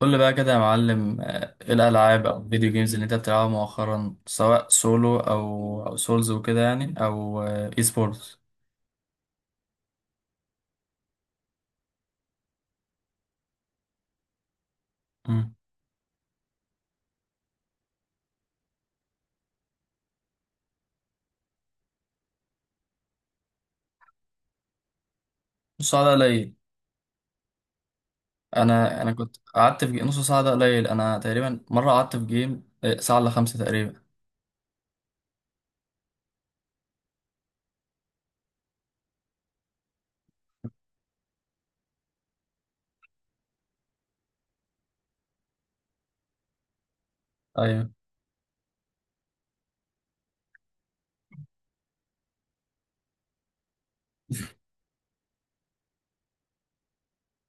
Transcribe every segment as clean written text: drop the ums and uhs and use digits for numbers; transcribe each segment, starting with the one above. قول لي بقى كده يا معلم ايه الالعاب او الفيديو جيمز اللي انت بتلعبها مؤخرا سواء سولو او سولز وكده يعني او اي سبورتس. نص ساعه ده قليل. انا كنت قعدت في نص ساعه ده قليل، انا تقريبا مره قعدت في جيم ساعه الا خمسه تقريبا. ايوه،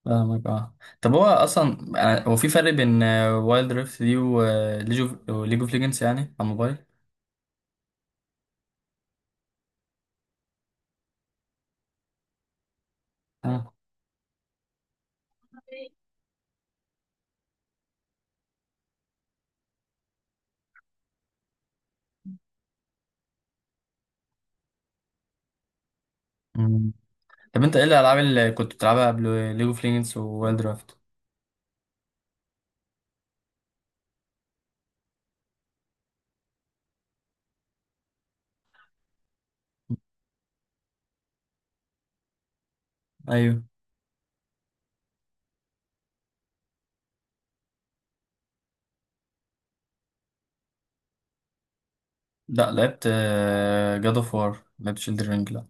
فاهمك اه. طب هو اصلا هو في فرق بين وايلد ريفت دي وليج اوف ليج اوف ليجندز يعني على الموبايل؟ اه. مم. طب انت ايه الالعاب اللي كنت بتلعبها قبل ليج اوف ليجندز ووايلد ريفت؟ ايوه. لا لعبت، جاد اوف وار لعبت، شيلدر رينج لا،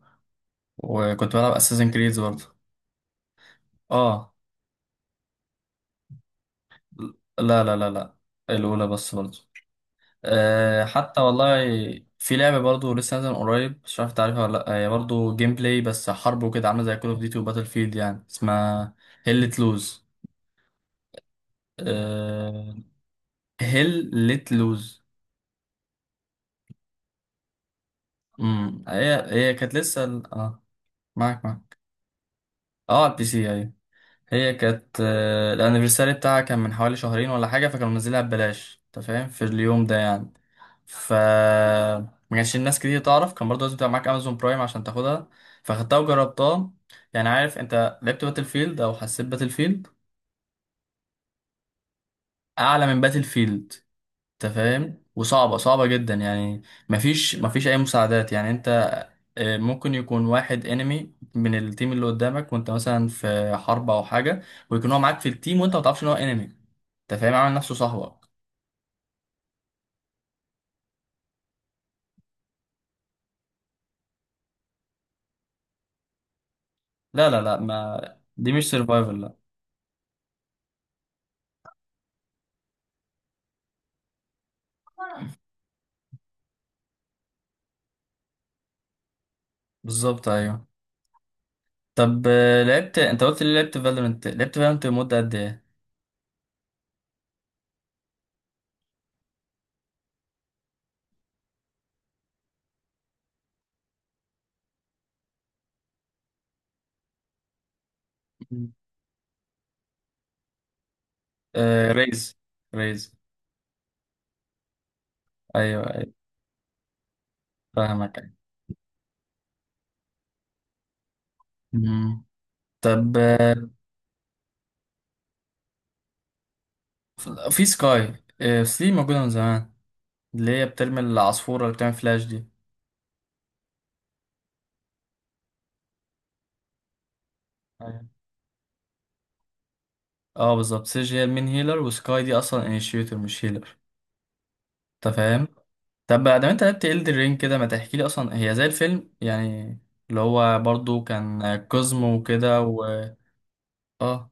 وكنت بلعب اساسن كريدز برضه. اه. لا، الاولى بس برضه. آه حتى والله. في لعبه برضه لسه نازله من قريب، مش عارف تعرفها ولا لا، هي برضه جيم بلاي بس حرب وكده، عامله زي كول اوف ديوتي وباتل فيلد، يعني اسمها هيل لت لوز. آه هيل لت لوز. هي هي كانت لسه اه، معاك معاك. اه على البي سي ايوه. هي كانت الانيفرساري بتاعها كان من حوالي شهرين ولا حاجه، فكانوا منزلينها ببلاش انت فاهم في اليوم ده يعني. ف ما كانش الناس كتير تعرف، كان برضه لازم تبقى معاك امازون برايم عشان تاخدها، فاخدتها وجربتها. يعني عارف، انت لعبت باتل فيلد او حسيت باتل فيلد؟ اعلى من باتل فيلد، انت فاهم، وصعبه صعبه جدا يعني. مفيش اي مساعدات، يعني انت ممكن يكون واحد انمي من التيم اللي قدامك، وانت مثلا في حرب او حاجه، ويكون هو معاك في التيم وانت ما تعرفش ان هو انمي، انت فاهم، عامل نفسه صاحبك. لا، ما دي مش سرفايفل لا. بالظبط ايوه. طب لعبت، انت قلت لي لعبت فالورنت، لعبت فالورنت لمده قد ايه؟ مم. آه ريز. ريز. ايوه ايوه. فاهمك أيوة. مم. طب في سكاي في موجوده من زمان، اللي هي بترمي العصفوره اللي بتعمل فلاش دي. اه بالظبط، سيج هي المين هيلر، وسكاي دي اصلا انيشيتور مش هيلر، انت فاهم. طب بقى ده انت لعبت إلدر رينج كده، ما تحكي لي اصلا، هي زي الفيلم يعني اللي هو برضو كان كوزمو وكده و اه،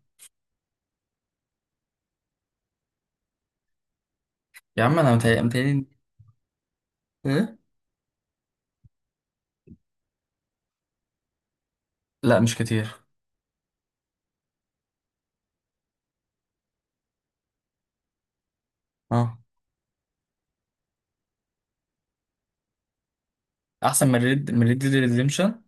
يا عم انا متهيألي ايه. لا مش كتير. اه احسن من ريد، من ريد ديد ريديمشن؟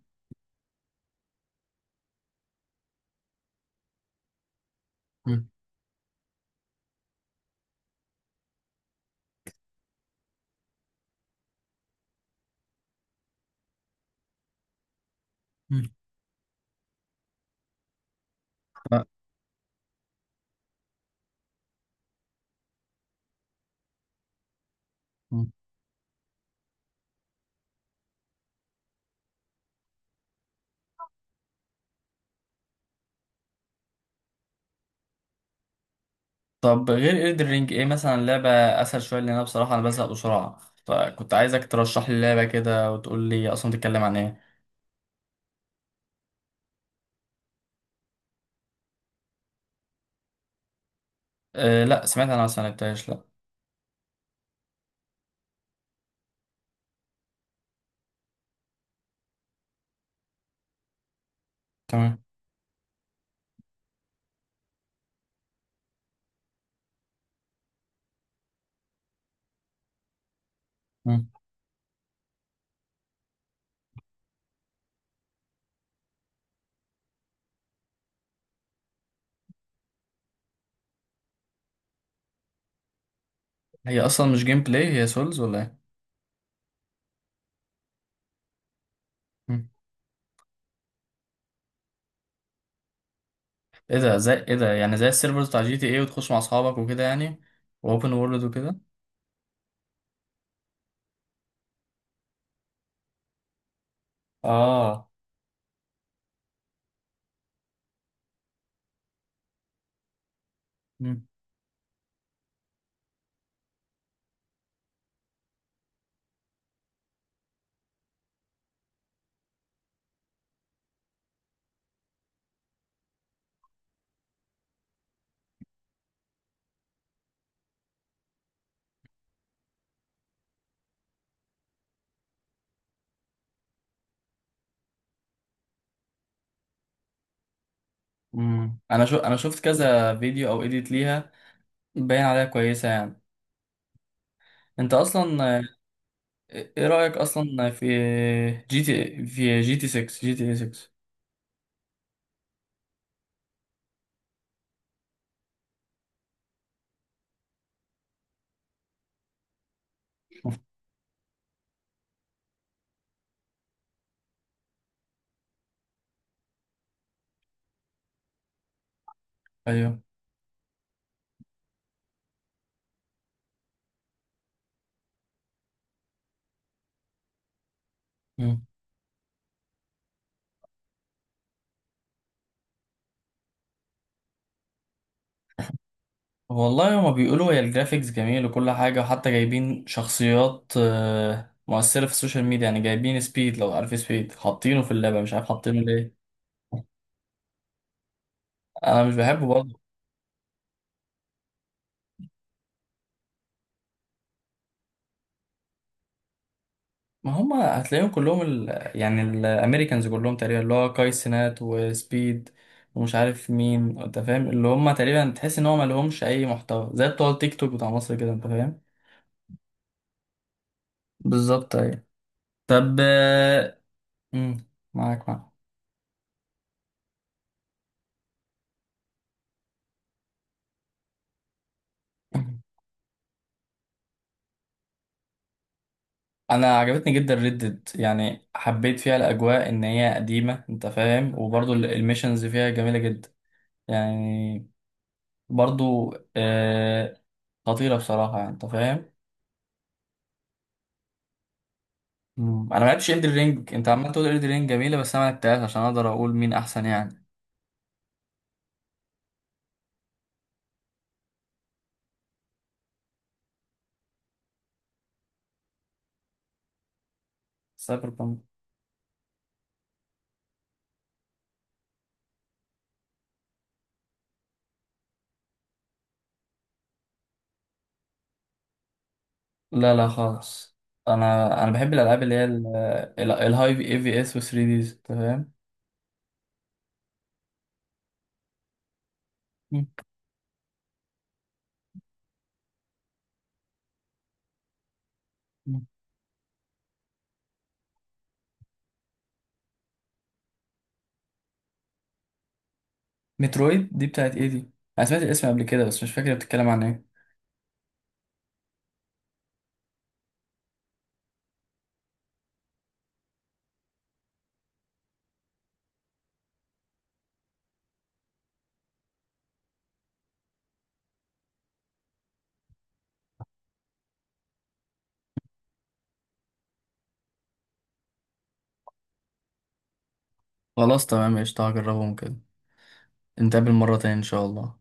طب غير إلدر رينج ايه مثلا لعبة اسهل شوية، لان انا بصراحة انا بزهق بسرعة، فكنت عايزك ترشح لي لعبة كده وتقول لي اصلا بتتكلم عن ايه. أه لا سمعت انا، بس ما لعبتهاش لا. تمام. مم. هي اصلا مش جيم بلاي، هي سولز ولا ايه؟ مم. ايه ده زي ايه ده؟ يعني زي السيرفرز بتاع جي تي ايه، وتخش مع اصحابك وكده يعني، واوبن وورلد وكده. اه. مم. مم. انا شو، انا شفت كذا فيديو او اديت ليها، باين عليها كويسه يعني. انت اصلا ايه رايك اصلا في جي تي، في جي تي 6، جي تي اي 6؟ ايوه. مم. والله هما بيقولوا هي الجرافيكس جميل وكل حاجة، وحتى جايبين شخصيات مؤثرة في السوشيال ميديا، يعني جايبين سبيد، لو عارف سبيد، حاطينه في اللعبة مش عارف حاطينه ليه. أنا مش بحبه برضه. ما هما هتلاقيهم كلهم ال... يعني الأمريكانز كلهم تقريبا، اللي هو كاي سينات وسبيد ومش عارف مين، أنت فاهم، اللي هما تقريبا تحس إن هما مالهمش أي محتوى، زي بتوع التيك توك بتاع مصر كده، أنت فاهم. بالظبط أيوة. طب مم، معاك معاك. انا عجبتني جدا ردد، يعني حبيت فيها الاجواء ان هي قديمه، انت فاهم، وبرضو الميشنز فيها جميله جدا يعني، برضو آه، خطيره بصراحه يعني، انت فاهم. مم. انا ما لعبتش اندر رينج، انت عمال تقول اندر رينج جميله، بس انا ما لعبتهاش عشان اقدر اقول مين احسن يعني. سايبر بانك. لا لا خالص. انا بحب الالعاب اللي هي الهاي في اي في اس و 3 ديز، انت فاهم. مم. مم. مترويد دي بتاعت ايه دي؟ انا سمعت الاسم قبل كده بس مش فاكر بتتكلم عن ايه. خلاص تمام قشطة، هجربهم كده. نتقابل مرة تاني إن شاء الله.